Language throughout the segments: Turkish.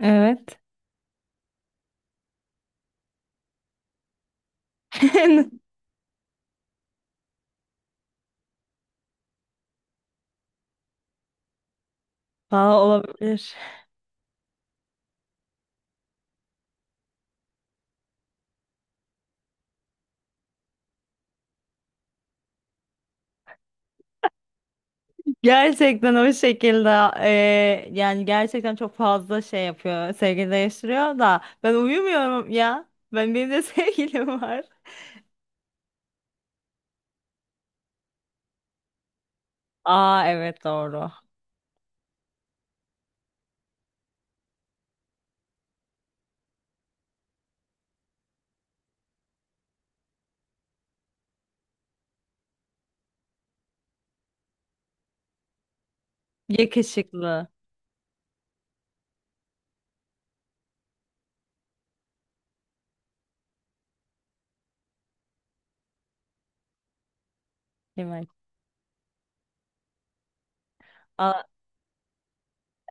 Evet. Valla olabilir. Gerçekten o şekilde yani gerçekten çok fazla şey yapıyor. Sevgili değiştiriyor da ben uyumuyorum ya. Benim de sevgilim var. Aa, evet, doğru. Yakışıklı. Demek. A-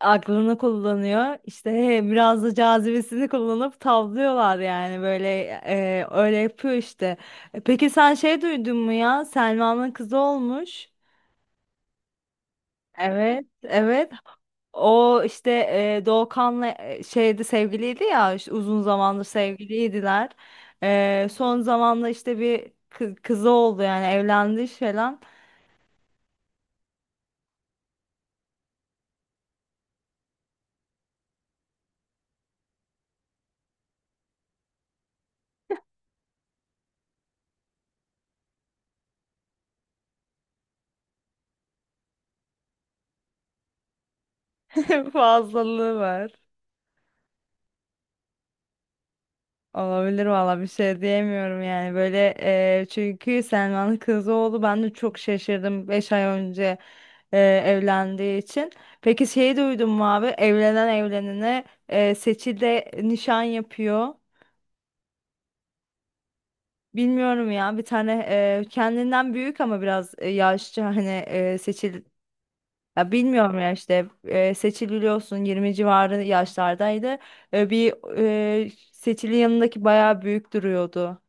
Aklını kullanıyor. İşte, biraz da cazibesini kullanıp tavlıyorlar yani böyle, öyle yapıyor işte. Peki sen şey duydun mu ya? Selma'nın kızı olmuş. Evet, evet. O işte, Doğukan'la şeydi, sevgiliydi ya, işte uzun zamandır sevgiliydiler. Son zamanla işte bir kızı oldu, yani evlendi falan. Fazlalığı var. Olabilir valla, bir şey diyemiyorum yani böyle, çünkü Selman'ın kızı oldu, ben de çok şaşırdım 5 ay önce e, evlendiği için. Peki şeyi duydun mu abi? Evlenen evlenene, Seçil'de nişan yapıyor. Bilmiyorum ya, bir tane kendinden büyük, ama biraz yaşça, hani seçil, ya bilmiyorum ya, işte seçililiyorsun, 20 civarı yaşlardaydı. Bir seçili yanındaki bayağı büyük duruyordu.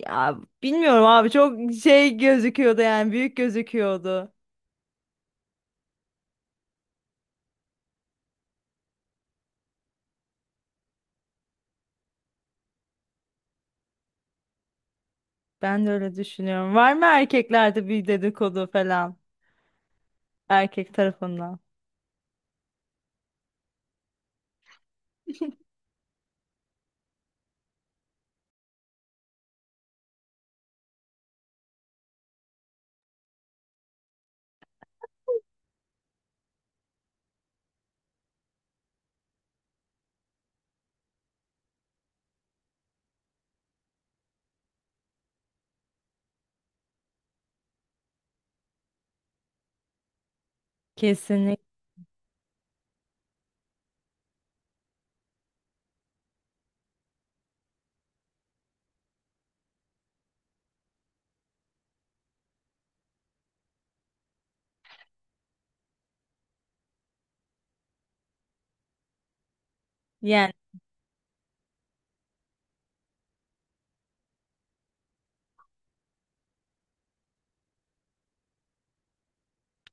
Ya bilmiyorum abi, çok şey gözüküyordu yani, büyük gözüküyordu. Ben de öyle düşünüyorum. Var mı erkeklerde bir dedikodu falan, erkek tarafından? Kesinlikle.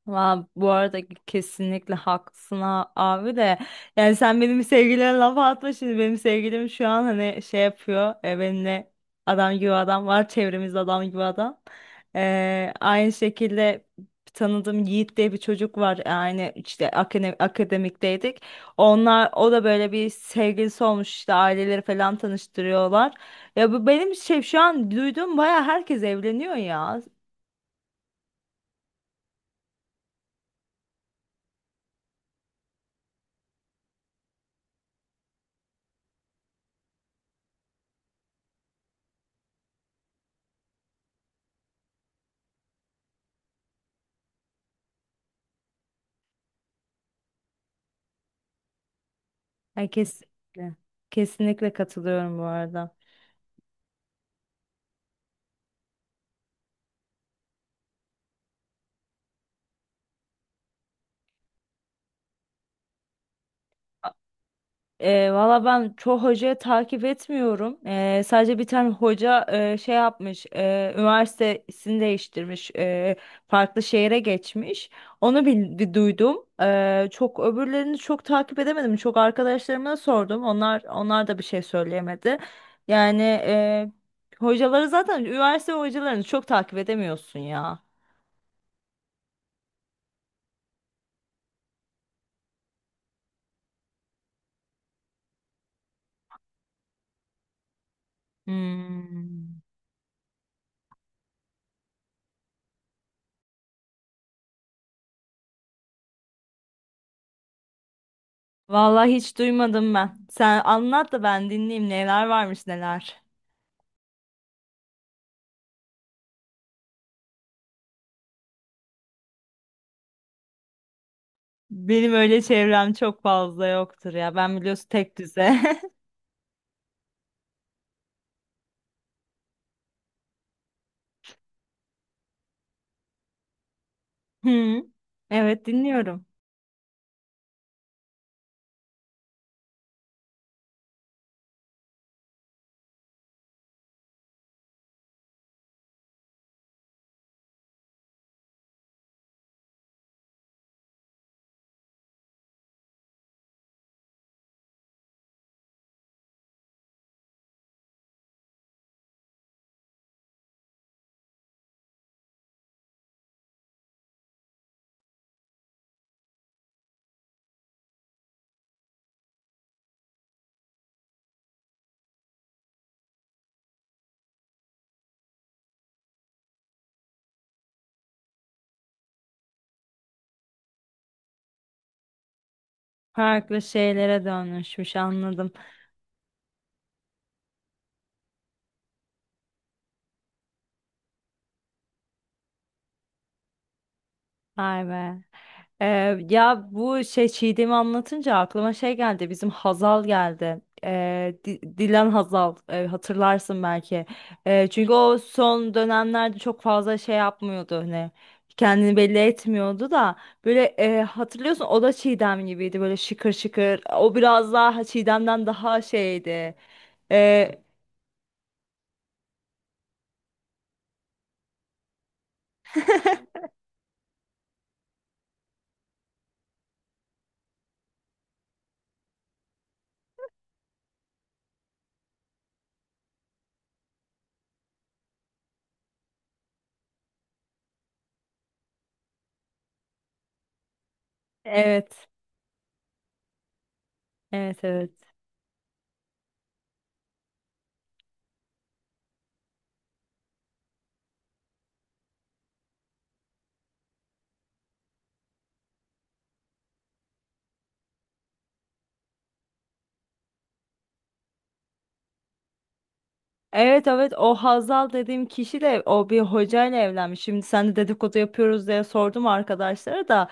Bu arada kesinlikle haklısın abi de. Yani sen benim sevgilime laf atma, şimdi benim sevgilim şu an hani şey yapıyor benimle. Adam gibi adam var çevremizde, adam gibi adam. Aynı şekilde tanıdığım Yiğit diye bir çocuk var, yani işte akademikteydik onlar. O da böyle, bir sevgilisi olmuş, işte aileleri falan tanıştırıyorlar. Ya bu benim şey, şu an duyduğum, baya herkes evleniyor ya. Ay, kesinlikle. Kesinlikle katılıyorum bu arada. Valla ben çoğu hocayı takip etmiyorum. Sadece bir tane hoca şey yapmış, üniversitesini değiştirmiş, farklı şehre geçmiş. Onu bir duydum. E, çok Öbürlerini çok takip edemedim. Çok arkadaşlarıma sordum. Onlar da bir şey söyleyemedi. Yani, hocaları zaten, üniversite hocalarını çok takip edemiyorsun ya. Hmm. Vallahi hiç duymadım ben. Sen anlat da ben dinleyeyim, neler varmış neler. Benim öyle çevrem çok fazla yoktur ya. Ben, biliyorsun, tek düze. Hı. Evet, dinliyorum. Farklı şeylere dönüşmüş, anladım. Vay be. Ya bu şey, Çiğdem'i anlatınca aklıma şey geldi, bizim Hazal geldi. Dilan Hazal, hatırlarsın belki. Çünkü o son dönemlerde çok fazla şey yapmıyordu, hani kendini belli etmiyordu da, böyle hatırlıyorsun, o da Çiğdem gibiydi, böyle şıkır şıkır. O biraz daha Çiğdem'den daha şeydi. Ee, evet, evet, evet. Evet, evet, o Hazal dediğim kişi de o bir hocayla evlenmiş. Şimdi sen de dedikodu yapıyoruz diye sordum arkadaşlara da,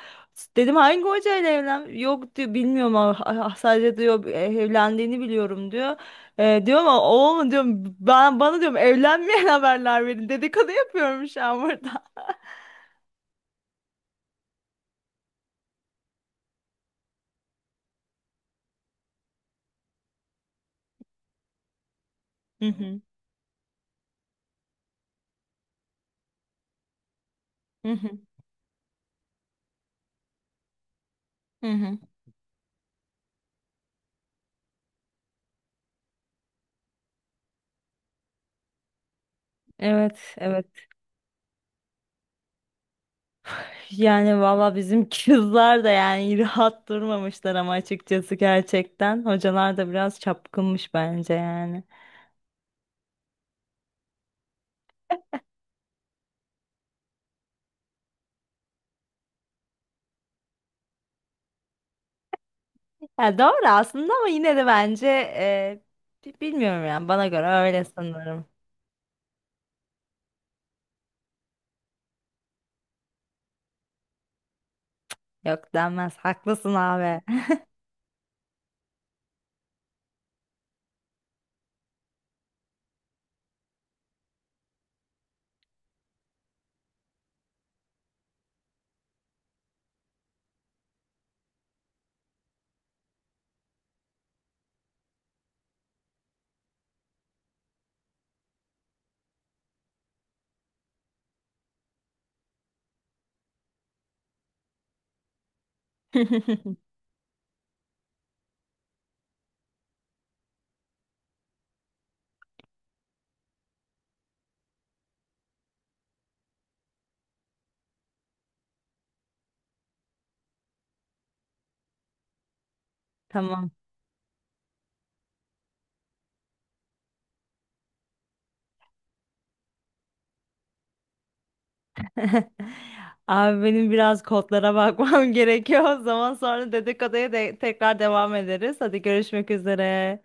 dedim hangi hocayla evlen? Yok diyor, bilmiyorum ama, sadece diyor evlendiğini biliyorum diyor. Diyorum ama, o mu diyorum, ben bana diyorum, evlenmeyen haberler verin, dedikodu yapıyorum şu an burada. Hı hı. Hı hı. Hı hı. Evet, evet. Yani valla, bizim kızlar da yani rahat durmamışlar ama, açıkçası gerçekten. Hocalar da biraz çapkınmış bence yani. Ya doğru aslında ama, yine de bence bilmiyorum yani, bana göre öyle sanırım. Yok, denmez. Haklısın abi. Tamam. Abi benim biraz kodlara bakmam gerekiyor. O zaman sonra dedikoduya de tekrar devam ederiz. Hadi, görüşmek üzere.